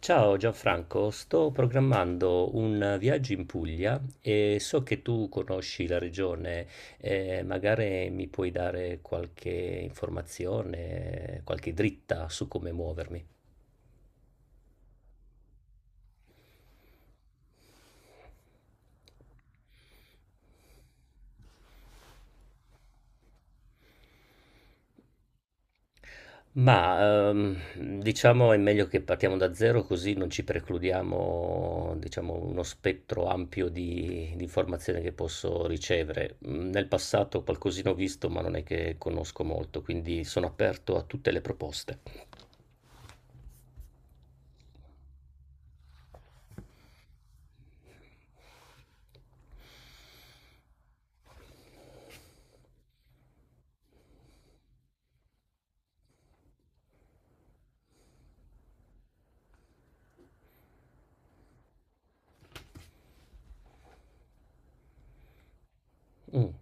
Ciao Gianfranco, sto programmando un viaggio in Puglia e so che tu conosci la regione, magari mi puoi dare qualche informazione, qualche dritta su come muovermi. Diciamo è meglio che partiamo da zero così non ci precludiamo diciamo, uno spettro ampio di informazioni che posso ricevere. Nel passato qualcosina ho visto ma non è che conosco molto, quindi sono aperto a tutte le proposte. Mm.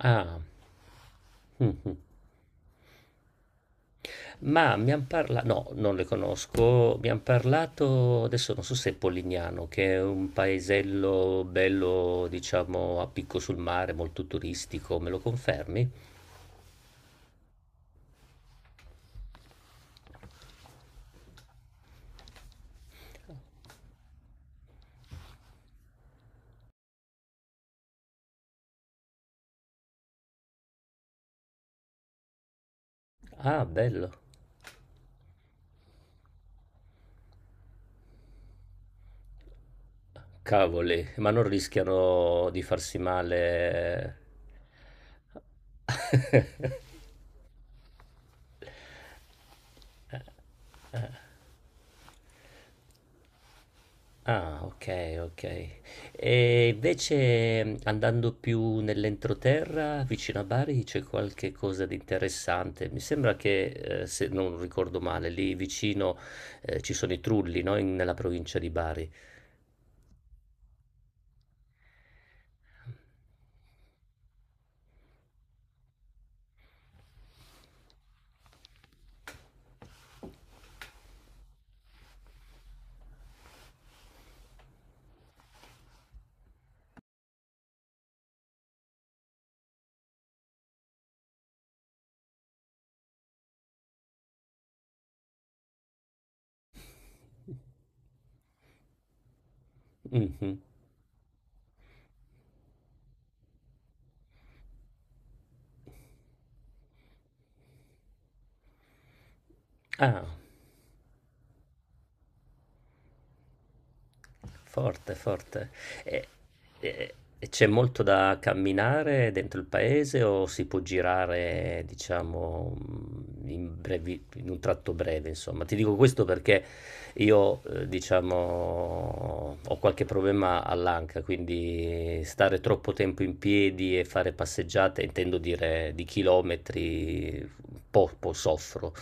Ah. Mh-mh. Ma mi han parla No, non le conosco. Mi han parlato, adesso non so se è Polignano, che è un paesello bello, diciamo, a picco sul mare, molto turistico. Me lo confermi? Ah, bello. Cavoli, ma non rischiano di farsi male? Ah, ok, ok. E invece andando più nell'entroterra, vicino a Bari, c'è qualche cosa di interessante. Mi sembra che, se non ricordo male, lì vicino, ci sono i Trulli, no? Nella provincia di Bari. Mhm. Ah. Forte, forte. E, e- e c'è molto da camminare dentro il paese o si può girare, diciamo, in un tratto breve, insomma. Ti dico questo perché io, diciamo, ho qualche problema all'anca, quindi stare troppo tempo in piedi e fare passeggiate, intendo dire di chilometri, poco soffro.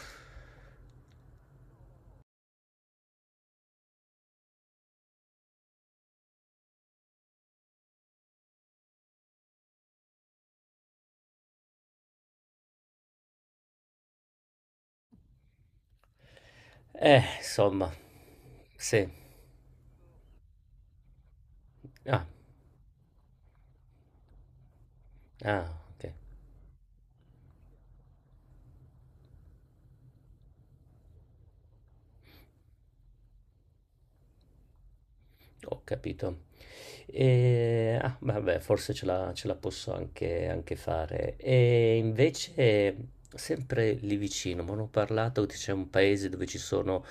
Insomma, sì. Ah, ah, ok. Ho capito. E, ah, vabbè, forse ce la posso anche fare. E invece, sempre lì vicino, mi hanno parlato che c'è un paese dove ci sono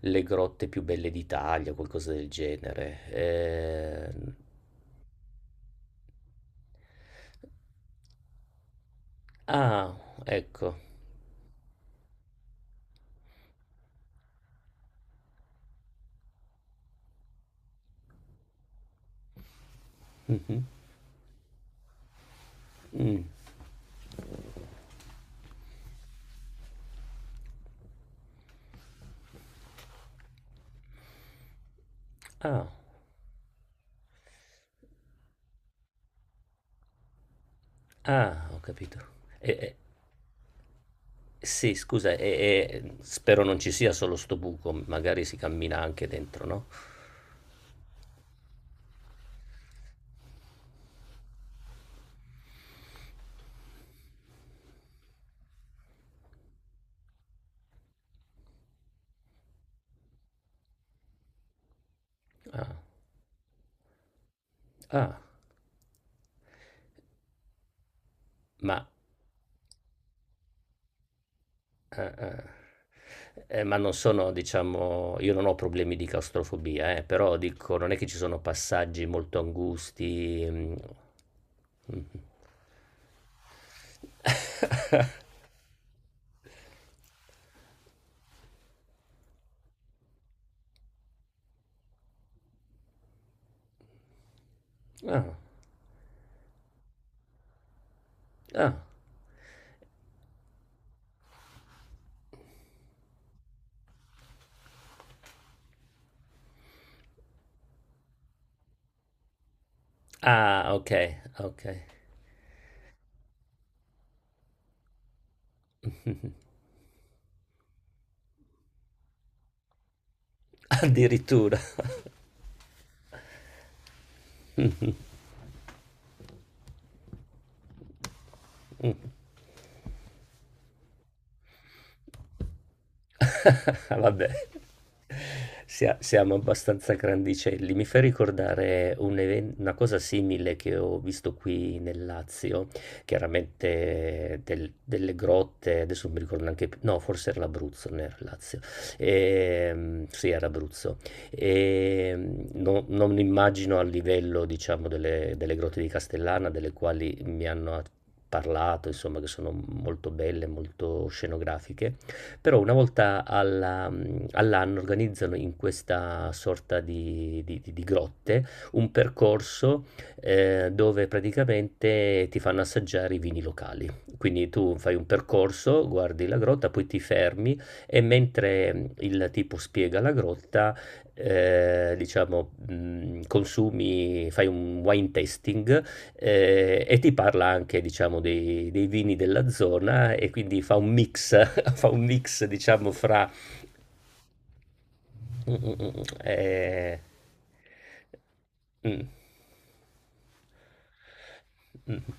le grotte più belle d'Italia, qualcosa del genere. Ah, ecco. Mhm, mm. Ah, ah, ho capito. Eh, eh, sì, scusa, spero non ci sia solo sto buco, magari si cammina anche dentro, no? Ah. Ah. Ma eh, eh, ma non sono, diciamo io non ho problemi di claustrofobia, però dico, non è che ci sono passaggi molto angusti. Mhmm Mh-mh. Ah, ah. Ah, okay, okay. Addirittura. Mh, mh. Vabbè, siamo abbastanza grandicelli. Mi fa ricordare una cosa simile che ho visto qui nel Lazio, chiaramente delle grotte, adesso non mi ricordo neanche più, no, forse era l'Abruzzo, non era il Lazio. Sì, era Abruzzo. Non immagino a livello, diciamo, delle grotte di Castellana, delle quali mi hanno parlato, insomma, che sono molto belle, molto scenografiche. Però all'anno organizzano in questa sorta di grotte un percorso dove praticamente ti fanno assaggiare i vini locali. Quindi tu fai un percorso, guardi la grotta, poi ti fermi e mentre il tipo spiega la grotta, diciamo, consumi, fai un wine tasting e ti parla anche, diciamo, dei vini della zona, e quindi fa un mix fa un mix, diciamo, fra... mm, mm, mm, mm, mm,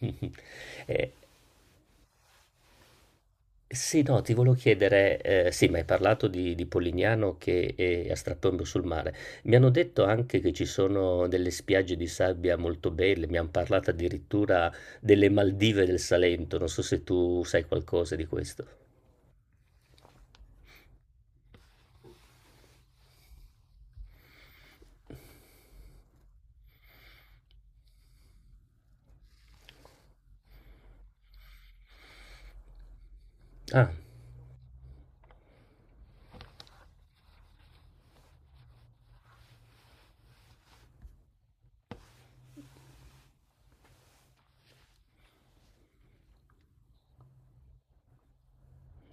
mhm. Eh, sì, no, ti volevo chiedere, sì, ma hai parlato di Polignano che è a strapiombo sul mare. Mi hanno detto anche che ci sono delle spiagge di sabbia molto belle, mi hanno parlato addirittura delle Maldive del Salento, non so se tu sai qualcosa di questo. Ah,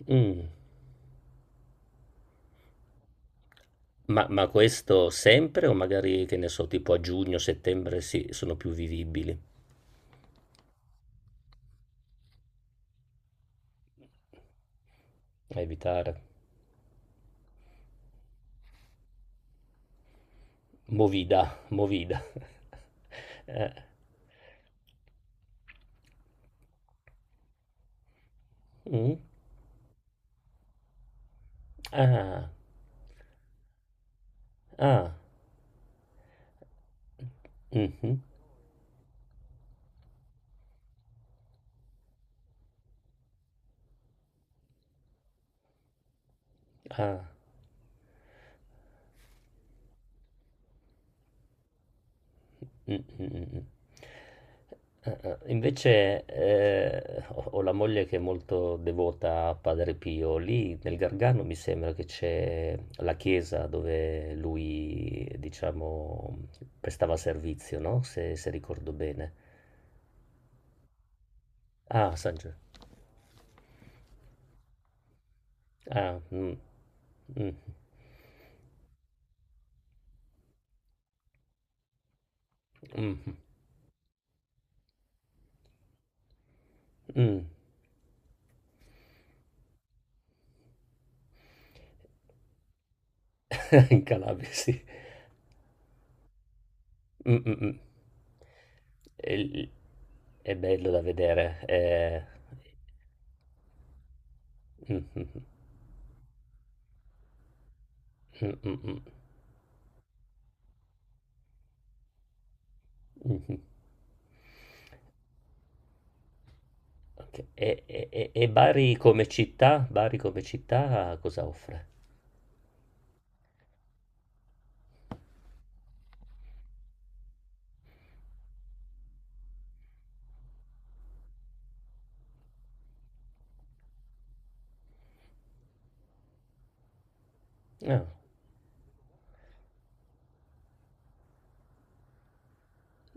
mm. Ma questo sempre o magari, che ne so, tipo a giugno, settembre sì, sono più vivibili, a evitare. Movida, movida. Eh, mm, ah, ah, mhm, ah. Mh, mh, mh, mh. Invece ho la moglie che è molto devota a Padre Pio. Lì nel Gargano mi sembra che c'è la chiesa dove lui, diciamo, prestava servizio, no? Se, se ricordo bene. Ah, San Gio- Ah, mm, mm, mm, mm. In Calabria, sì. Mm, mm, mm. E- È bello da vedere. Eh. Mm, mm, mm. Mh-mh-mh. Mh-mh. Okay. E Bari come città? Bari come città cosa offre? Ah,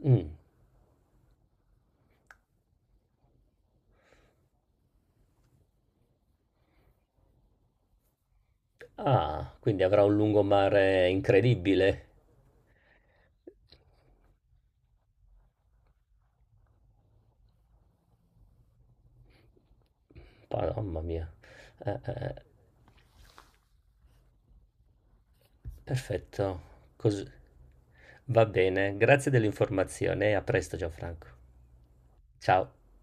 mh. Ah, quindi avrà un lungomare incredibile. Pa mamma mia. Eh. Perfetto. Cos Va bene, grazie dell'informazione e a presto Gianfranco. Ciao.